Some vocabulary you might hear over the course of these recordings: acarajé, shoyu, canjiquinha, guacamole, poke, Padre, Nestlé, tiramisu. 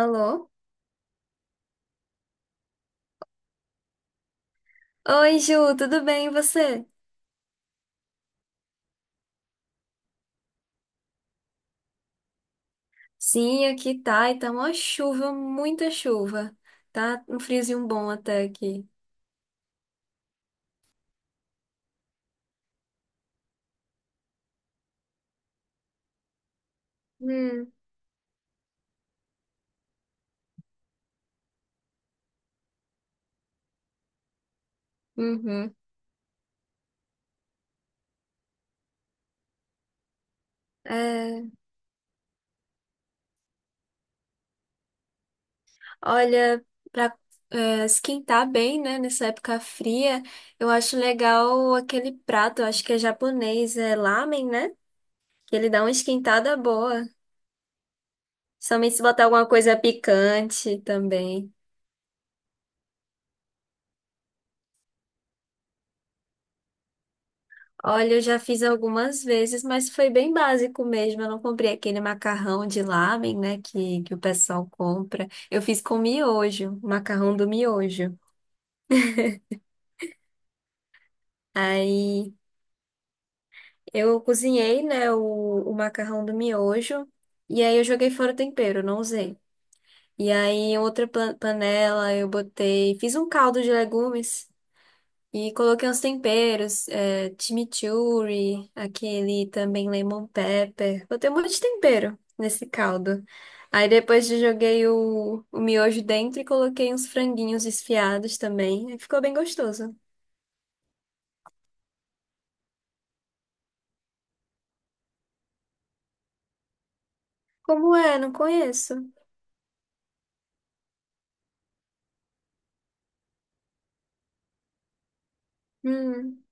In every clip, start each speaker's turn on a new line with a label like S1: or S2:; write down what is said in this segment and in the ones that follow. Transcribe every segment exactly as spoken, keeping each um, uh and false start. S1: Alô? Oi, Ju, tudo bem e você? Sim, aqui tá, e tá uma chuva, muita chuva. Tá um friozinho bom até aqui. Hum, uhum. É, olha, pra é, esquentar bem, né, nessa época fria, eu acho legal aquele prato, eu acho que é japonês, é lamen, né? Que ele dá uma esquentada boa. Somente se botar alguma coisa picante também. Olha, eu já fiz algumas vezes, mas foi bem básico mesmo. Eu não comprei aquele macarrão de lamen, né, que, que o pessoal compra. Eu fiz com miojo, macarrão do miojo. Aí eu cozinhei, né, o, o macarrão do miojo e aí eu joguei fora o tempero, não usei. E aí em outra pan- panela eu botei, fiz um caldo de legumes. E coloquei uns temperos, é, chimichurri, aquele também lemon pepper. Botei um monte de tempero nesse caldo. Aí depois eu joguei o, o miojo dentro e coloquei uns franguinhos desfiados também. Aí ficou bem gostoso. Como é? Não conheço. Hum,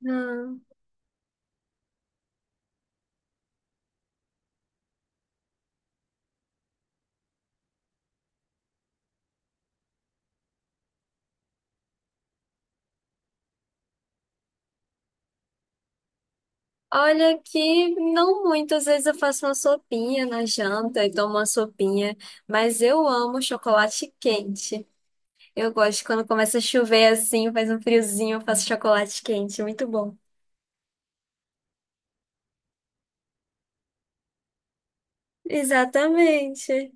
S1: não. Olha que não muito. Às vezes eu faço uma sopinha na janta e tomo uma sopinha. Mas eu amo chocolate quente. Eu gosto quando começa a chover assim, faz um friozinho, eu faço chocolate quente, muito bom. Exatamente.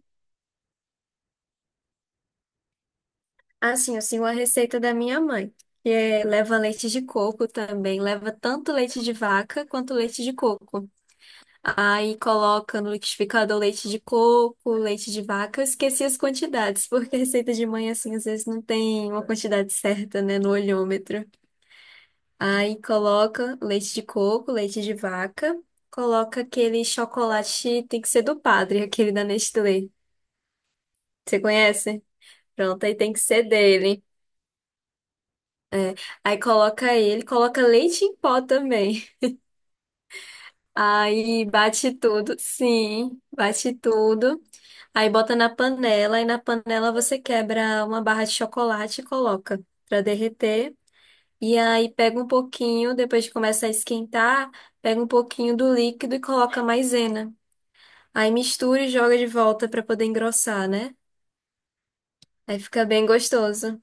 S1: Assim, eu sigo a receita da minha mãe, que é, leva leite de coco também, leva tanto leite de vaca quanto leite de coco. Aí coloca no liquidificador leite de coco, leite de vaca. Eu esqueci as quantidades, porque a receita de mãe, assim, às vezes não tem uma quantidade certa, né, no olhômetro. Aí coloca leite de coco, leite de vaca, coloca aquele chocolate, tem que ser do Padre, aquele da Nestlé. Você conhece? Pronto, aí tem que ser dele. Aí coloca ele, coloca leite em pó também. Aí bate tudo, sim, bate tudo. Aí bota na panela, e na panela você quebra uma barra de chocolate e coloca pra derreter. E aí pega um pouquinho, depois que começa a esquentar, pega um pouquinho do líquido e coloca maisena. Aí mistura e joga de volta pra poder engrossar, né? Aí fica bem gostoso.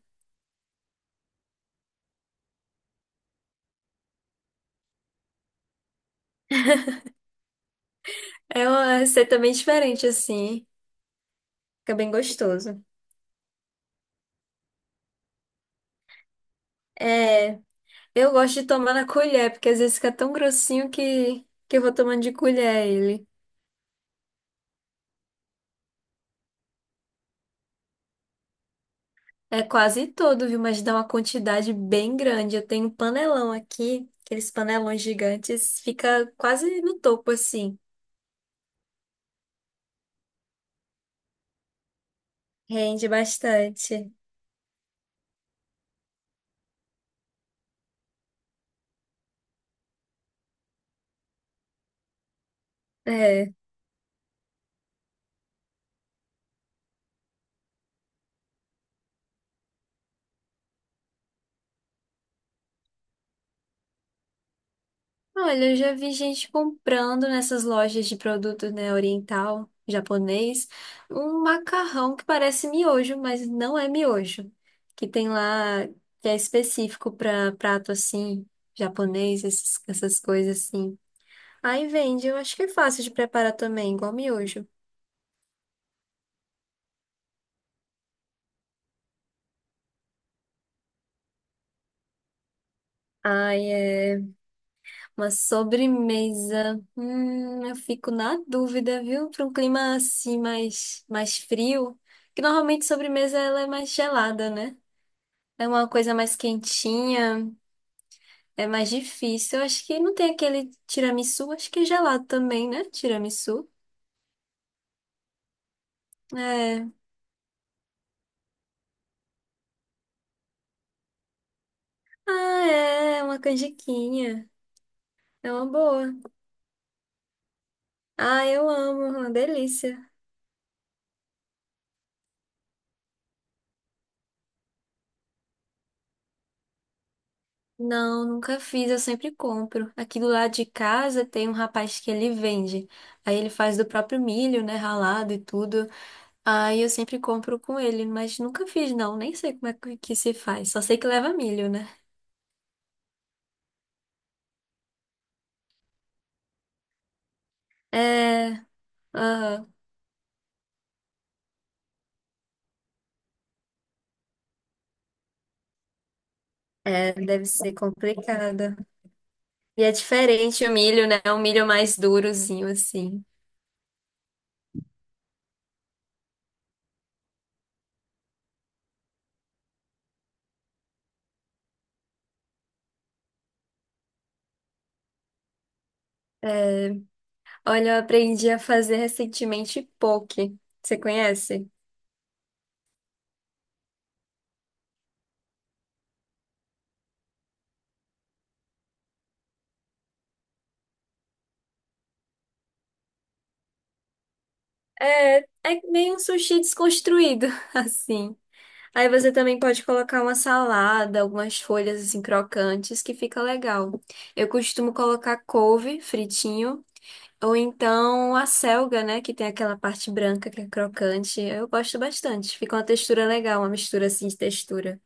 S1: É uma receita bem diferente assim. Fica bem gostoso. É, eu gosto de tomar na colher, porque às vezes fica tão grossinho que, que eu vou tomando de colher ele. É quase todo, viu? Mas dá uma quantidade bem grande. Eu tenho um panelão aqui, aqueles panelões gigantes, fica quase no topo assim. Rende bastante. É. Olha, eu já vi gente comprando nessas lojas de produtos né, oriental, japonês, um macarrão que parece miojo, mas não é miojo. Que tem lá, que é específico para prato assim, japonês, esses- essas coisas assim. Aí vende, eu acho que é fácil de preparar também, igual miojo. Ai, é uma sobremesa. Hum, eu fico na dúvida, viu? Para um clima assim mais, mais frio, que normalmente sobremesa ela é mais gelada, né? É uma coisa mais quentinha, é mais difícil. Eu acho que não tem aquele tiramisu, acho que é gelado também, né? Tiramisu. É. Ah, é, é uma canjiquinha. É uma boa. Ah, eu amo, é uma delícia. Não, nunca fiz, eu sempre compro. Aqui do lado de casa tem um rapaz que ele vende. Aí ele faz do próprio milho, né, ralado e tudo. Aí eu sempre compro com ele, mas nunca fiz não, nem sei como é que que se faz. Só sei que leva milho, né? É, aham. É, deve ser complicado. E é diferente o milho, né? É um milho mais durozinho, assim. Olha, eu aprendi a fazer recentemente poke. Você conhece? É, é meio um sushi desconstruído, assim. Aí você também pode colocar uma salada, algumas folhas, assim, crocantes, que fica legal. Eu costumo colocar couve fritinho. Ou então a selga, né? Que tem aquela parte branca que é crocante. Eu gosto bastante. Fica uma textura legal, uma mistura assim de textura.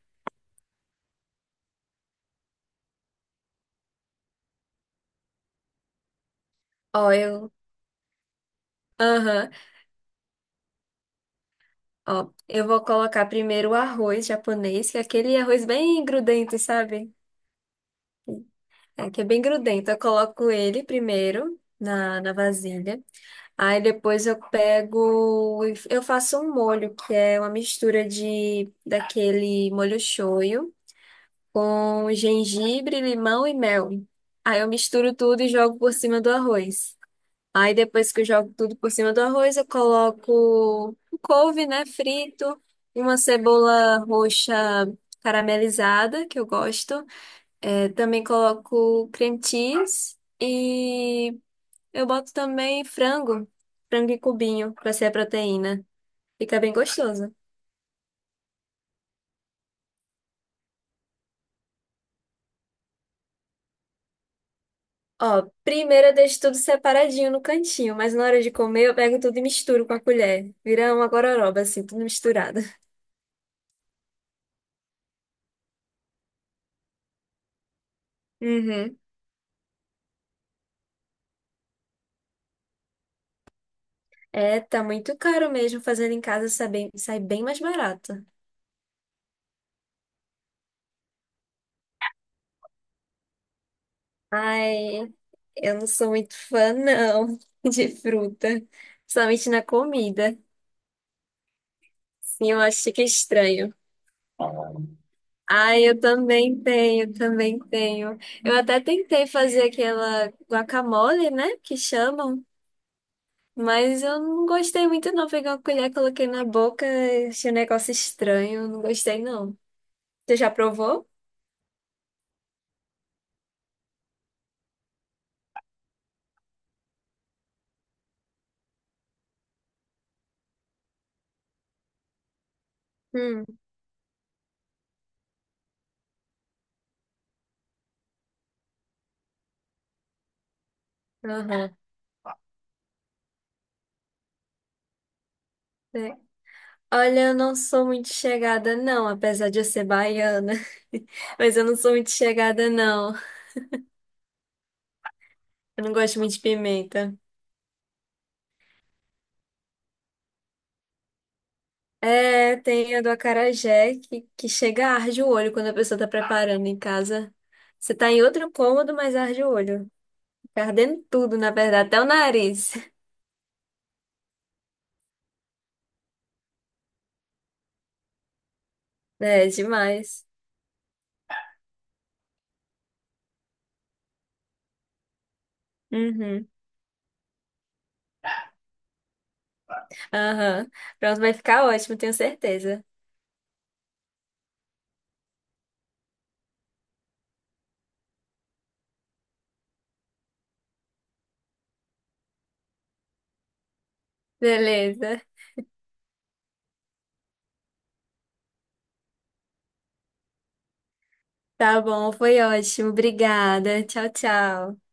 S1: Ó, eu. Aham. Ó, eu vou colocar primeiro o arroz japonês, que é aquele arroz bem grudento, sabe? É, que é bem grudento. Eu coloco ele primeiro na, na vasilha. Aí depois eu pego. Eu faço um molho, que é uma mistura de daquele molho shoyu com gengibre, limão e mel. Aí eu misturo tudo e jogo por cima do arroz. Aí depois que eu jogo tudo por cima do arroz, eu coloco um couve, né, frito, uma cebola roxa caramelizada, que eu gosto. É, também coloco cream cheese e eu boto também frango, frango em cubinho, pra ser a proteína. Fica bem gostoso. Ó, primeiro eu deixo tudo separadinho no cantinho, mas na hora de comer eu pego tudo e misturo com a colher. Vira uma gororoba, assim, tudo misturado. Uhum. É, tá muito caro mesmo. Fazendo em casa sai bem, sai bem mais barato. Ai, eu não sou muito fã, não, de fruta. Somente na comida. Sim, eu acho que é estranho. Ai, eu também tenho, também tenho. Eu até tentei fazer aquela guacamole, né? Que chamam. Mas eu não gostei muito, não. Peguei uma colher, coloquei na boca, achei um negócio estranho. Não gostei, não. Você já provou? Hum, aham. Olha, eu não sou muito chegada, não, apesar de eu ser baiana. Mas eu não sou muito chegada, não. Eu não gosto muito de pimenta. É, tem a do acarajé que, que chega a arde o olho quando a pessoa tá preparando em casa. Você tá em outro cômodo, mas arde o olho. Fica ardendo tudo, na verdade, até o nariz. É, demais. Uhum. Aham. Pronto, vai ficar ótimo, tenho certeza. Beleza. Tá bom, foi ótimo. Obrigada. Tchau, tchau.